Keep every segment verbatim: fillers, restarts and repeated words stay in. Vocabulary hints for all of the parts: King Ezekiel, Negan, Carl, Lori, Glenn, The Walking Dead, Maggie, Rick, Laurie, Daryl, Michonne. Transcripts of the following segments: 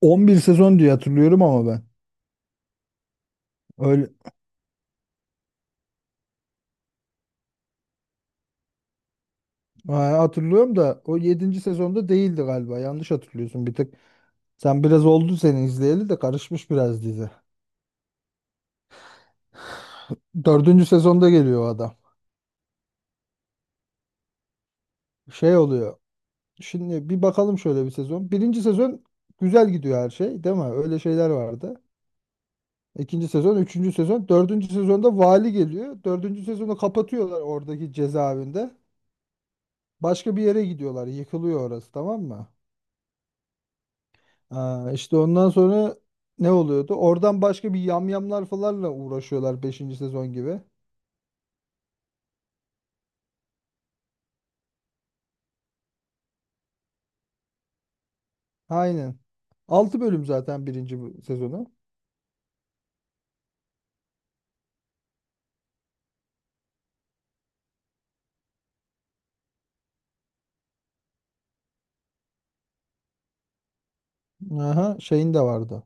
on bir sezon diye hatırlıyorum ama ben. Öyle. Ha, hatırlıyorum da o yedinci sezonda değildi galiba. Yanlış hatırlıyorsun bir tık. Sen biraz oldu seni izleyeli de karışmış biraz dizi. Dördüncü sezonda geliyor o adam. Şey oluyor. Şimdi bir bakalım şöyle bir sezon. Birinci sezon güzel gidiyor her şey, değil mi? Öyle şeyler vardı. İkinci sezon, üçüncü sezon, dördüncü sezonda vali geliyor. Dördüncü sezonu kapatıyorlar oradaki cezaevinde. Başka bir yere gidiyorlar. Yıkılıyor orası, tamam mı? Aa, işte ondan sonra ne oluyordu? Oradan başka bir yamyamlar falanla uğraşıyorlar beşinci sezon gibi. Aynen. Altı bölüm zaten birinci sezonu. Aha, şeyin de vardı.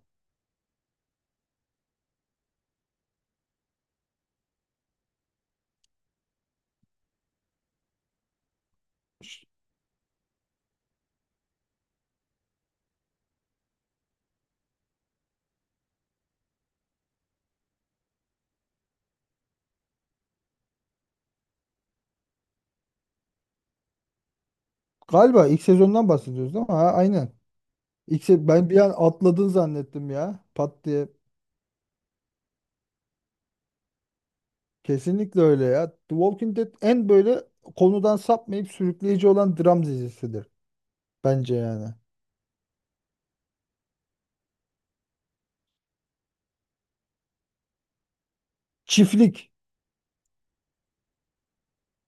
Galiba ilk sezondan bahsediyoruz değil mi? Ha, aynen. İlk se- ben bir an atladın zannettim ya. Pat diye. Kesinlikle öyle ya. The Walking Dead en böyle konudan sapmayıp sürükleyici olan dram dizisidir. Bence yani. Çiftlik.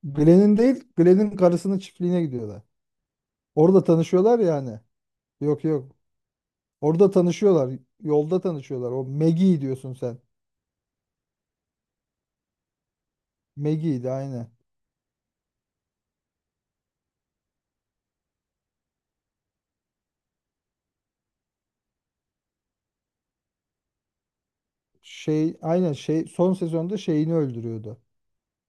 Glenn'in değil, Glenn'in karısının çiftliğine gidiyorlar. Orada tanışıyorlar yani. Yok yok. Orada tanışıyorlar. Yolda tanışıyorlar. O Maggie diyorsun sen. Maggie'ydi aynı. Şey aynen şey son sezonda şeyini öldürüyordu.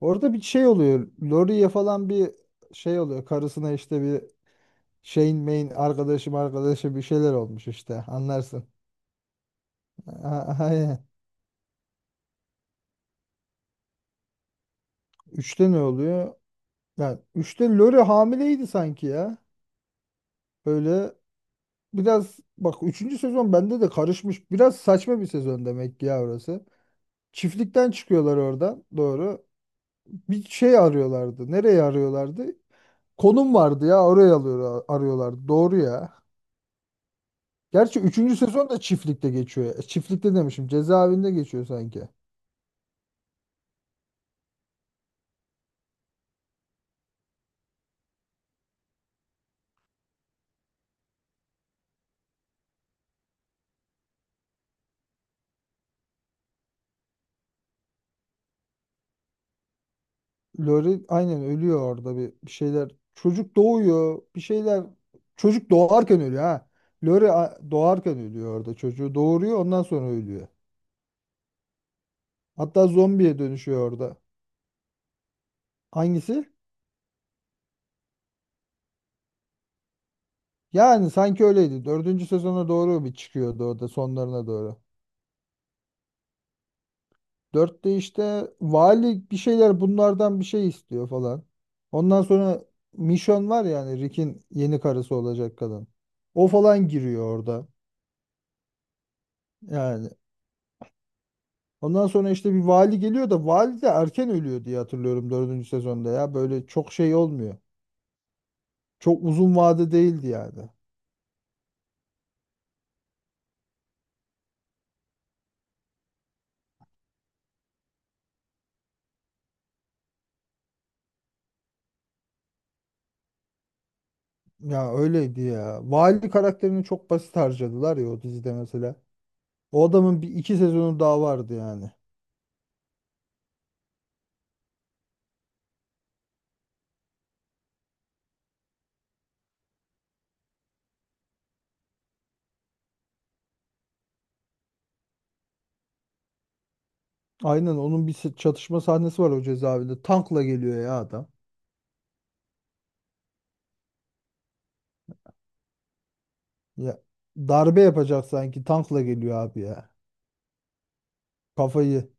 Orada bir şey oluyor. Laurie'ye falan bir şey oluyor. Karısına işte bir şeyin main arkadaşım arkadaşı bir şeyler olmuş işte. Anlarsın. A- Aynen. Üçte ne oluyor? Yani üçte Lori hamileydi sanki ya. Böyle biraz bak üçüncü sezon bende de karışmış. Biraz saçma bir sezon demek ki ya orası. Çiftlikten çıkıyorlar oradan. Doğru. Bir şey arıyorlardı. Nereye arıyorlardı? Konum vardı ya oraya alıyor, arıyorlardı. Doğru ya. Gerçi üçüncü sezon da çiftlikte geçiyor. E, çiftlikte demişim. Cezaevinde geçiyor sanki. Lori aynen ölüyor orada bir, bir şeyler. Çocuk doğuyor. Bir şeyler. Çocuk doğarken ölüyor ha. Lori a- doğarken ölüyor orada. Çocuğu doğuruyor ondan sonra ölüyor. Hatta zombiye dönüşüyor orada. Hangisi? Yani sanki öyleydi. Dördüncü sezona doğru bir çıkıyordu o da sonlarına doğru. Dörtte işte vali bir şeyler bunlardan bir şey istiyor falan. Ondan sonra Mission var yani Rick'in yeni karısı olacak kadın. O falan giriyor orada. Yani ondan sonra işte bir vali geliyor da vali de erken ölüyor diye hatırlıyorum dördüncü sezonda ya. Böyle çok şey olmuyor. Çok uzun vade değildi yani. Ya öyleydi ya. Vali karakterini çok basit harcadılar ya o dizide mesela. O adamın bir iki sezonu daha vardı yani. Aynen onun bir se- çatışma sahnesi var o cezaevinde. Tankla geliyor ya adam. Ya darbe yapacak sanki tankla geliyor abi ya. Kafayı.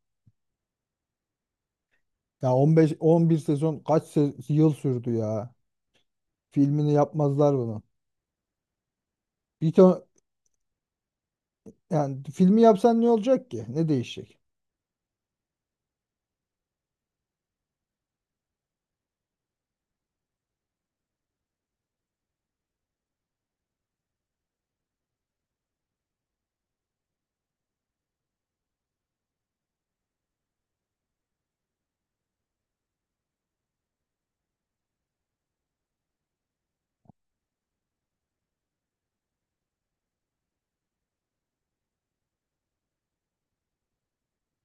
Ya on beş on bir sezon kaç se- yıl sürdü ya. Filmini yapmazlar bunu. Bir ton yani filmi yapsan ne olacak ki? Ne değişecek?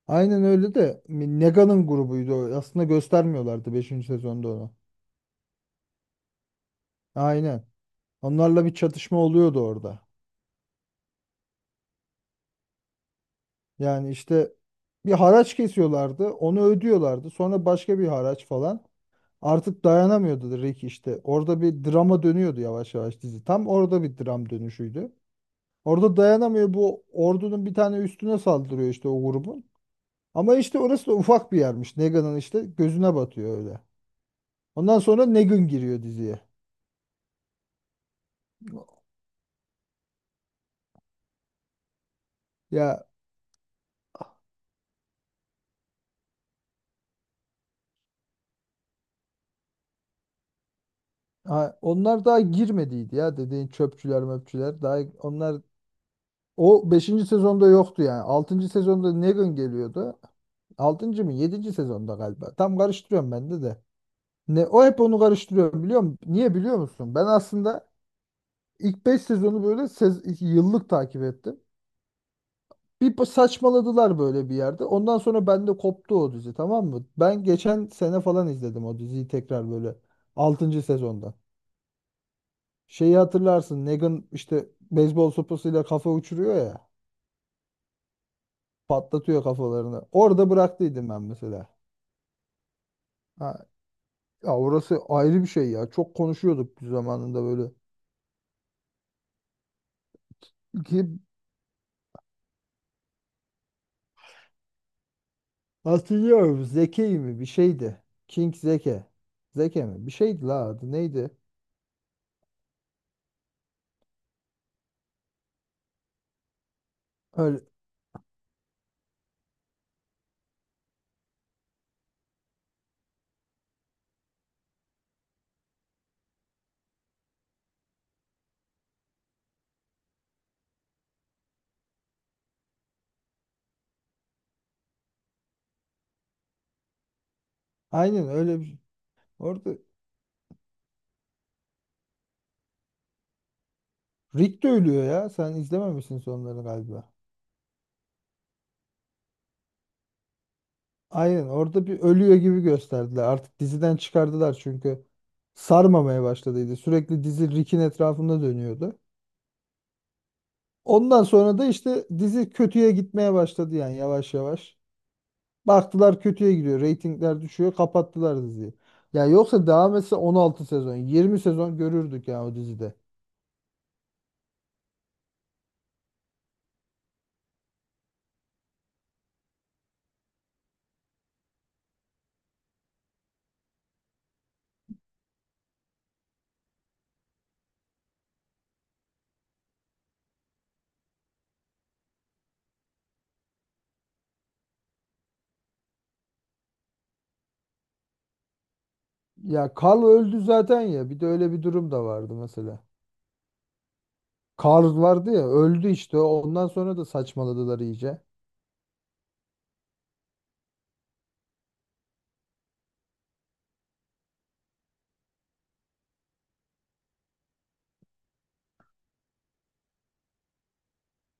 Aynen öyle de Nega'nın grubuydu o. Aslında göstermiyorlardı beşinci sezonda onu. Aynen. Onlarla bir çatışma oluyordu orada. Yani işte bir haraç kesiyorlardı. Onu ödüyorlardı. Sonra başka bir haraç falan. Artık dayanamıyordu Rick işte. Orada bir drama dönüyordu yavaş yavaş dizi. Tam orada bir dram dönüşüydü. Orada dayanamıyor bu ordunun bir tane üstüne saldırıyor işte o grubun. Ama işte orası da ufak bir yermiş. Negan'ın işte gözüne batıyor öyle. Ondan sonra Negan giriyor diziye. Ya ha, onlar daha girmediydi ya dediğin çöpçüler möpçüler. Daha onlar o beşinci sezonda yoktu yani. Altıncı sezonda Negan geliyordu. Altıncı mı yedinci sezonda galiba. Tam karıştırıyorum ben de de. Ne, o hep onu karıştırıyorum biliyor musun? Niye biliyor musun? Ben aslında ilk beş sezonu böyle sez- yıllık takip ettim. Bir pa- saçmaladılar böyle bir yerde. Ondan sonra bende koptu o dizi tamam mı? Ben geçen sene falan izledim o diziyi tekrar böyle altıncı sezonda. Şeyi hatırlarsın Negan işte beyzbol sopasıyla kafa uçuruyor ya. Patlatıyor kafalarını. Orada bıraktıydım ben mesela. Ha, ya orası ayrı bir şey ya. Çok konuşuyorduk zamanında böyle. Hatırlıyorum. Zeki mi? Bir şeydi. King Zeke. Zeke mi? Bir şeydi la adı. Neydi? Öyle, aynen öyle bir... Orada Rick de ölüyor ya. Sen izlememişsin sonları galiba. Aynen orada bir ölüyor gibi gösterdiler. Artık diziden çıkardılar çünkü sarmamaya başladıydı. Sürekli dizi Rick'in etrafında dönüyordu. Ondan sonra da işte dizi kötüye gitmeye başladı yani yavaş yavaş. Baktılar kötüye gidiyor. Reytingler düşüyor. Kapattılar diziyi. Ya yoksa devam etse on altı sezon, yirmi sezon görürdük ya o dizide. Ya Carl öldü zaten ya. Bir de öyle bir durum da vardı mesela. Carl vardı ya öldü işte. Ondan sonra da saçmaladılar iyice.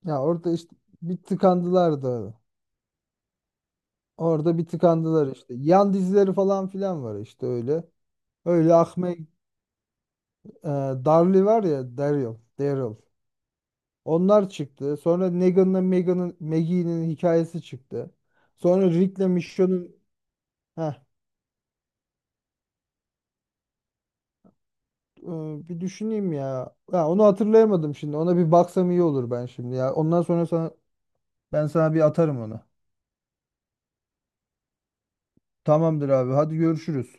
Ya orada işte bir tıkandılar da. Orada bir tıkandılar işte. Yan dizileri falan filan var işte öyle. Öyle akmaya e, Darly var ya Daryl. Daryl. Onlar çıktı. Sonra Negan'la Megan'ın Maggie'nin hikayesi çıktı. Sonra Rick'le Michonne'un. Heh, e, bir düşüneyim ya. Ya onu hatırlayamadım şimdi. Ona bir baksam iyi olur ben şimdi ya. Ondan sonra sana ben sana bir atarım onu. Tamamdır abi. Hadi görüşürüz.